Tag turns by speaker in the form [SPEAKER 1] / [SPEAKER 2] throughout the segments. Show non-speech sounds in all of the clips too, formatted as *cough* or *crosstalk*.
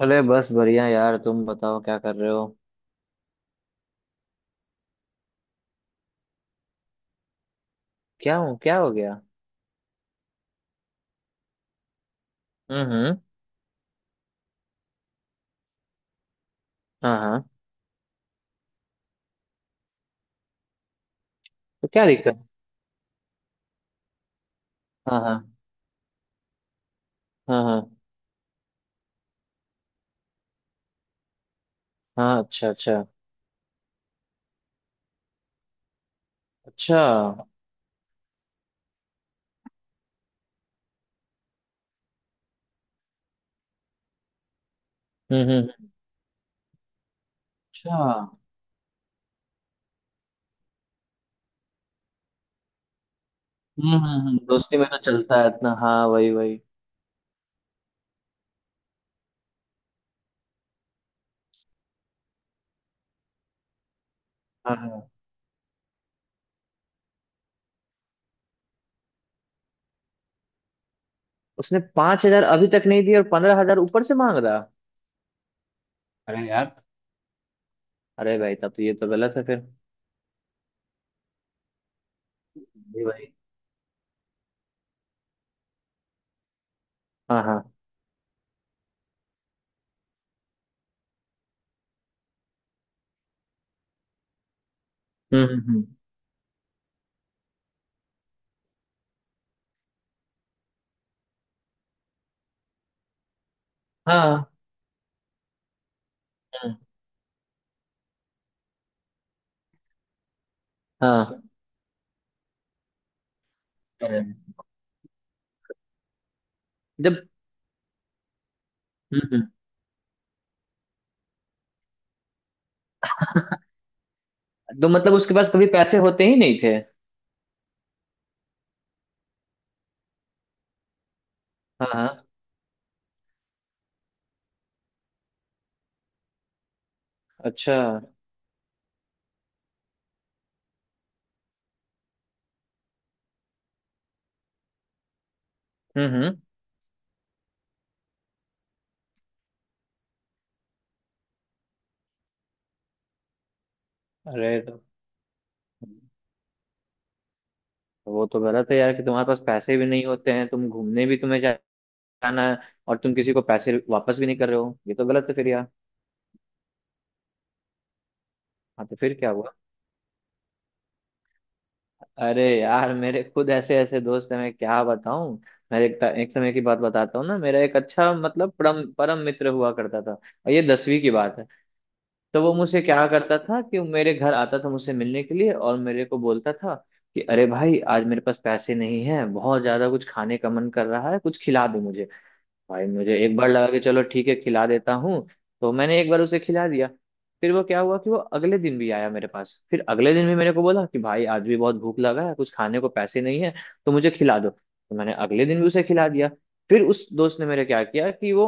[SPEAKER 1] अरे बस बढ़िया यार। तुम बताओ क्या कर रहे हो? क्या हो गया? हम्म। हाँ हाँ। तो क्या दिक्कत? हाँ हाँ। हाँ हाँ। हाँ। अच्छा अच्छा। अच्छा। हम्म। अच्छा। दोस्ती में तो चलता है इतना। हाँ, वही वही। हाँ हाँ। उसने 5 हजार अभी तक नहीं दी और 15 हजार ऊपर से मांग रहा। अरे यार। अरे भाई, तब तो ये तो गलत है फिर। जी भाई। हाँ हाँ। हम्म हम्म हम्म, हाँ। हम्म, हाँ। अरे। जब। हम्म। तो मतलब उसके पास कभी पैसे होते ही नहीं थे? हाँ हाँ। अच्छा। हम्म हम्म। अरे तो। तो वो तो गलत है यार, कि तुम्हारे पास पैसे भी नहीं होते हैं, तुम घूमने भी तुम्हें जाना है। और तुम किसी को पैसे वापस भी नहीं कर रहे हो, ये तो गलत है फिर यार। हाँ, तो फिर क्या हुआ? अरे यार, मेरे खुद ऐसे ऐसे दोस्त हैं, मैं क्या बताऊं। मैं एक समय की बात बताता हूँ ना, मेरा एक अच्छा, मतलब परम परम मित्र हुआ करता था, और ये 10वीं की बात है। तो वो मुझसे क्या करता था कि वो मेरे घर आता था मुझसे मिलने के लिए, और मेरे को बोलता था कि अरे भाई, आज मेरे पास पैसे नहीं है, बहुत ज्यादा कुछ खाने का मन कर रहा है, कुछ खिला दो मुझे। भाई, मुझे एक बार लगा कि चलो ठीक है, खिला देता हूँ। तो मैंने एक बार उसे खिला दिया। फिर वो क्या हुआ कि वो अगले दिन भी आया मेरे पास, फिर अगले दिन भी मेरे को बोला कि भाई, आज भी बहुत भूख लगा है, कुछ खाने को पैसे नहीं है, तो मुझे खिला दो। तो मैंने अगले दिन भी उसे खिला दिया। फिर उस दोस्त ने मेरे क्या किया कि वो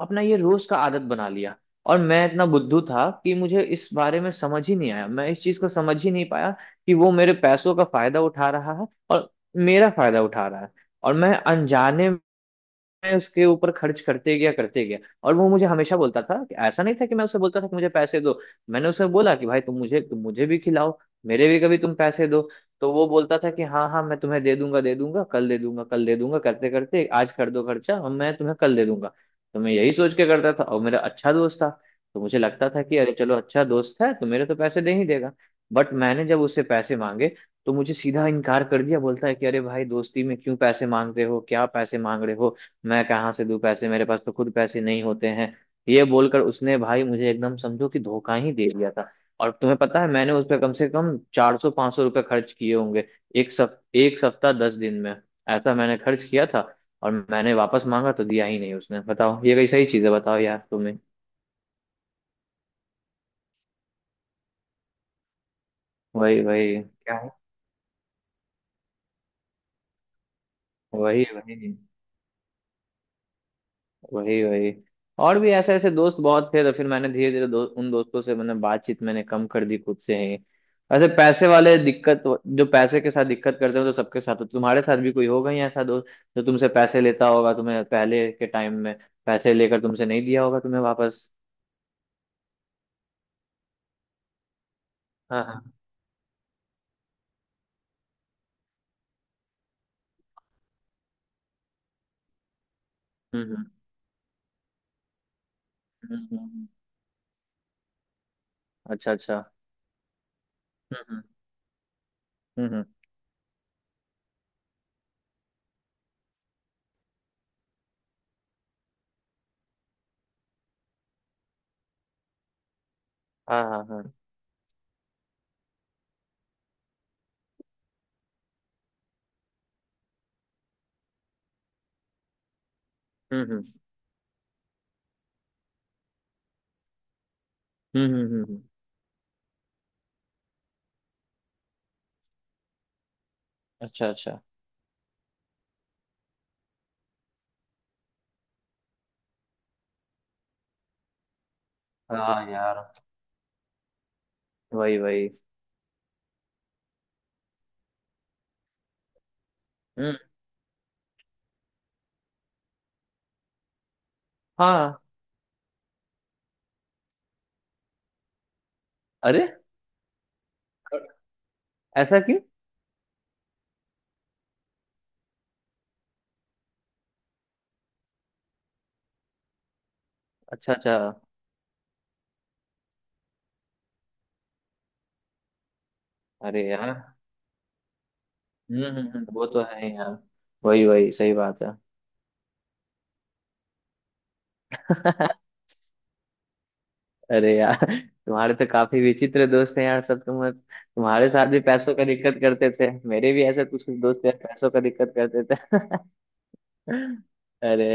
[SPEAKER 1] अपना ये रोज का आदत बना लिया। और मैं इतना बुद्धू था कि मुझे इस बारे में समझ ही नहीं आया, मैं इस चीज को समझ ही नहीं पाया कि वो मेरे पैसों का फायदा उठा रहा है, और मेरा फायदा उठा रहा है। और मैं अनजाने, मैं उसके ऊपर खर्च करते गया करते गया। और वो मुझे हमेशा बोलता था, कि ऐसा नहीं था कि मैं उसे बोलता था कि मुझे पैसे दो। मैंने उसे बोला कि भाई, तुम मुझे भी खिलाओ, मेरे भी कभी तुम पैसे दो। तो वो बोलता था कि हाँ हाँ, मैं तुम्हें दे दूंगा दे दूंगा, कल दे दूंगा कल दे दूंगा करते करते, आज कर दो खर्चा और मैं तुम्हें कल दे दूंगा। तो मैं यही सोच के करता था, और मेरा अच्छा दोस्त था, तो मुझे लगता था कि अरे चलो, अच्छा दोस्त है तो मेरे तो पैसे दे ही देगा। बट मैंने जब उससे पैसे मांगे, तो मुझे सीधा इनकार कर दिया। बोलता है कि अरे भाई, दोस्ती में क्यों पैसे मांगते हो, क्या पैसे मांग रहे हो? मैं कहाँ से दूं पैसे, मेरे पास तो खुद पैसे नहीं होते हैं। ये बोलकर उसने भाई मुझे एकदम समझो कि धोखा ही दे दिया था। और तुम्हें पता है, मैंने उस पर कम से कम 400 500 रुपये खर्च किए होंगे, एक सप्ताह 10 दिन में। ऐसा मैंने खर्च किया था। और मैंने वापस मांगा तो दिया ही नहीं उसने। बताओ, ये कई सही चीजें, बताओ यार तुम्हें। वही वही क्या है। वही वही। वही वही। और भी ऐसे ऐसे दोस्त बहुत थे, तो फिर मैंने धीरे धीरे उन दोस्तों से मैंने बातचीत मैंने कम कर दी खुद से ही। ऐसे पैसे वाले दिक्कत। जो पैसे के साथ दिक्कत करते हो तो सबके साथ, तो तुम्हारे साथ भी कोई होगा ही ऐसा दोस्त, जो तुमसे पैसे लेता होगा तुम्हें पहले के टाइम में, पैसे लेकर तुमसे नहीं दिया होगा तुम्हें वापस। हाँ हाँ। हम्म हम्म हम्म, हम्म, हम्म। अच्छा अच्छा। हम्म हम्म हम्म हम्म। हाँ हाँ हाँ। हम्म हम्म हम्म हम्म हम्म, हम्म, अच्छा अच्छा। हाँ यार। वही वही। हम्म। हाँ। अरे, ऐसा क्यों? अच्छा अच्छा। अरे यार। वो तो है ही यार। वही वही, सही बात है। *laughs* अरे यार, तुम्हारे तो काफी विचित्र दोस्त हैं यार सब, तुम्हारे साथ भी पैसों का दिक्कत करते थे। मेरे भी ऐसे कुछ कुछ दोस्त यार पैसों का दिक्कत करते थे। *laughs* अरे,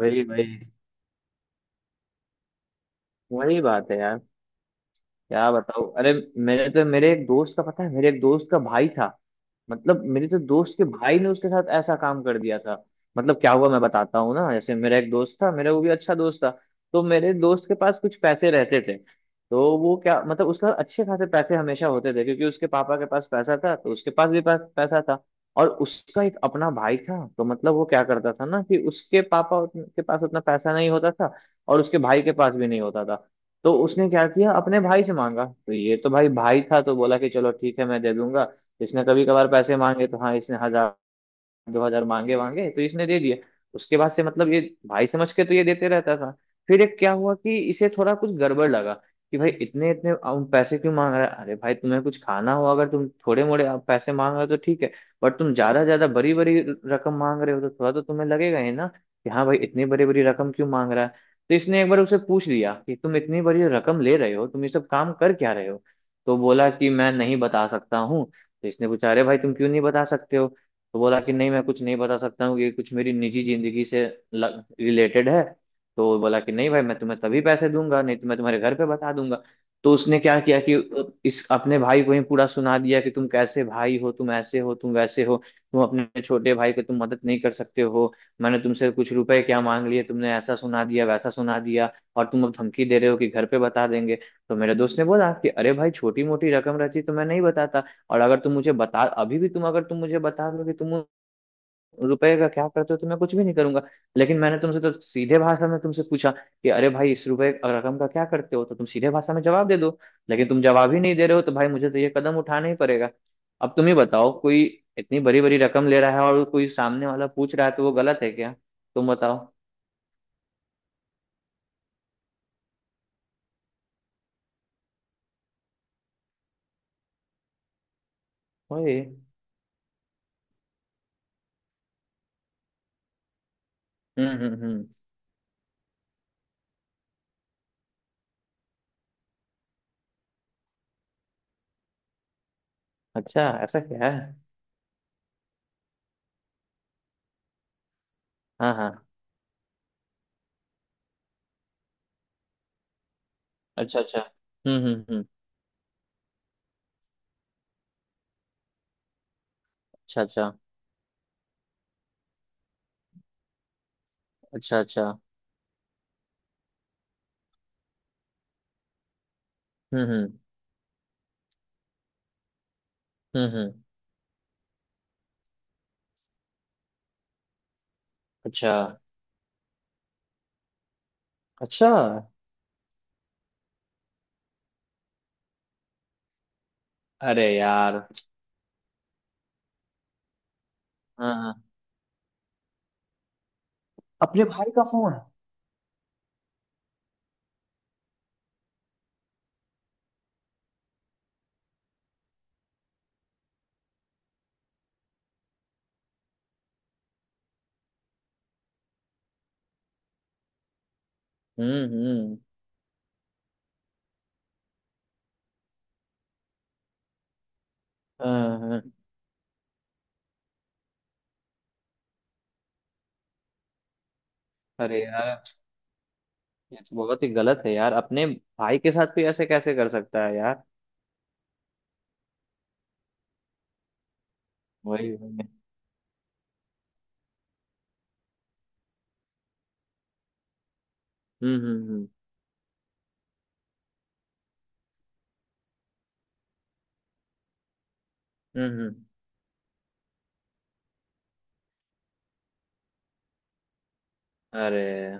[SPEAKER 1] वही वही। वही बात है यार। क्या बताओ, अरे। मेरे एक दोस्त का पता है, मेरे एक दोस्त का भाई था। मतलब मेरे तो दोस्त के भाई ने उसके साथ ऐसा काम कर दिया था। मतलब क्या हुआ मैं बताता हूँ ना, जैसे मेरा एक दोस्त था, मेरा वो भी अच्छा दोस्त था। तो मेरे दोस्त के पास कुछ पैसे रहते थे। तो वो क्या मतलब, उसके पास अच्छे खासे पैसे हमेशा होते थे, क्योंकि उसके पापा के पास पैसा था, तो उसके पास भी पास पैसा था। और उसका एक अपना भाई था। तो मतलब वो क्या करता था ना कि उसके पापा के पास उतना पैसा नहीं होता था, और उसके भाई के पास भी नहीं होता था। तो उसने क्या किया, अपने भाई से मांगा। तो ये तो भाई भाई था तो बोला कि चलो ठीक है, मैं दे दूंगा। इसने कभी कभार पैसे मांगे तो हाँ, इसने हजार 2 हजार मांगे मांगे तो इसने दे दिए। उसके बाद से मतलब ये भाई समझ के तो ये देते रहता था। फिर एक क्या हुआ कि इसे थोड़ा कुछ गड़बड़ लगा, कि भाई इतने इतने पैसे क्यों मांग रहा है। अरे भाई, तुम्हें कुछ खाना हो, अगर तुम थोड़े मोड़े पैसे मांग रहे हो तो ठीक है। बट तुम ज्यादा ज्यादा बड़ी बड़ी रकम मांग रहे हो, तो थोड़ा तो तुम्हें लगेगा ही ना, कि हाँ भाई, इतनी बड़ी बड़ी रकम क्यों मांग रहा है। तो इसने एक बार उसे पूछ लिया कि तुम इतनी बड़ी रकम ले रहे हो, तुम ये सब काम कर क्या रहे हो? तो बोला कि मैं नहीं बता सकता हूँ। तो इसने पूछा, अरे भाई तुम क्यों नहीं बता सकते हो? तो बोला कि नहीं, मैं कुछ नहीं बता सकता हूँ, ये कुछ मेरी निजी जिंदगी से रिलेटेड है। तो बोला कि नहीं भाई, मैं तुम्हें तभी पैसे दूंगा, नहीं तो मैं तुम्हारे घर पे बता दूंगा। तो उसने क्या किया कि इस अपने भाई को ही पूरा सुना दिया कि तुम कैसे भाई हो, तुम ऐसे हो, तुम वैसे हो, तुम अपने छोटे भाई को तुम मदद नहीं कर सकते हो। मैंने तुमसे कुछ रुपए क्या मांग लिए, तुमने ऐसा सुना दिया वैसा सुना दिया, और तुम अब धमकी दे रहे हो कि घर पे बता देंगे। तो मेरे दोस्त ने बोला कि अरे भाई, छोटी मोटी रकम रहती तो मैं नहीं बताता। और अगर तुम मुझे बता अभी भी तुम, अगर तुम मुझे बता दो कि तुम रुपए का क्या करते हो, तो मैं कुछ भी नहीं करूंगा। लेकिन मैंने तुमसे तो सीधे भाषा में तुमसे पूछा कि अरे भाई, इस रुपए रकम का क्या करते हो, तो तुम सीधे भाषा में जवाब दे दो। लेकिन तुम जवाब ही नहीं दे रहे हो, तो भाई मुझे तो ये कदम उठाना ही पड़ेगा। अब तुम ही बताओ, कोई इतनी बड़ी बड़ी रकम ले रहा है और कोई सामने वाला पूछ रहा है, तो वो गलत है क्या? तुम बताओ। ओए। हम्म। अच्छा, ऐसा क्या है? हाँ हाँ। अच्छा अच्छा। हम्म। अच्छा अच्छा। अच्छा अच्छा। हम्म हम्म हम्म। अच्छा अच्छा। अरे यार। हाँ हाँ। अपने भाई का फोन? हम्म। हाँ हाँ। अरे यार, ये तो बहुत ही गलत है यार, अपने भाई के साथ भी ऐसे कैसे कर सकता है यार। वही वही। हम्म हम्म हम्म हम्म हम्म। अरे।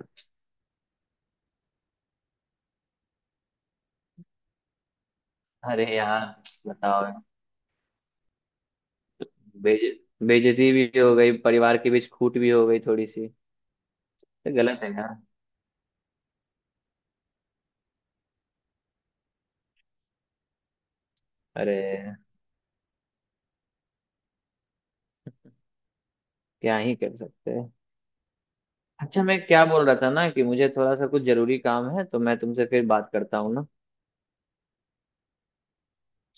[SPEAKER 1] अरे यार, बताओ। बेज बेइज्जती भी हो गई परिवार के बीच, खूट भी हो गई थोड़ी सी। तो गलत है यार। अरे, क्या ही कर सकते हैं। अच्छा मैं क्या बोल रहा था ना, कि मुझे थोड़ा सा कुछ जरूरी काम है, तो मैं तुमसे फिर बात करता हूँ ना।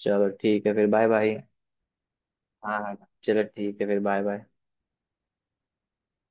[SPEAKER 1] चलो ठीक है, फिर बाय बाय। हाँ हाँ। चलो ठीक है, फिर बाय बाय।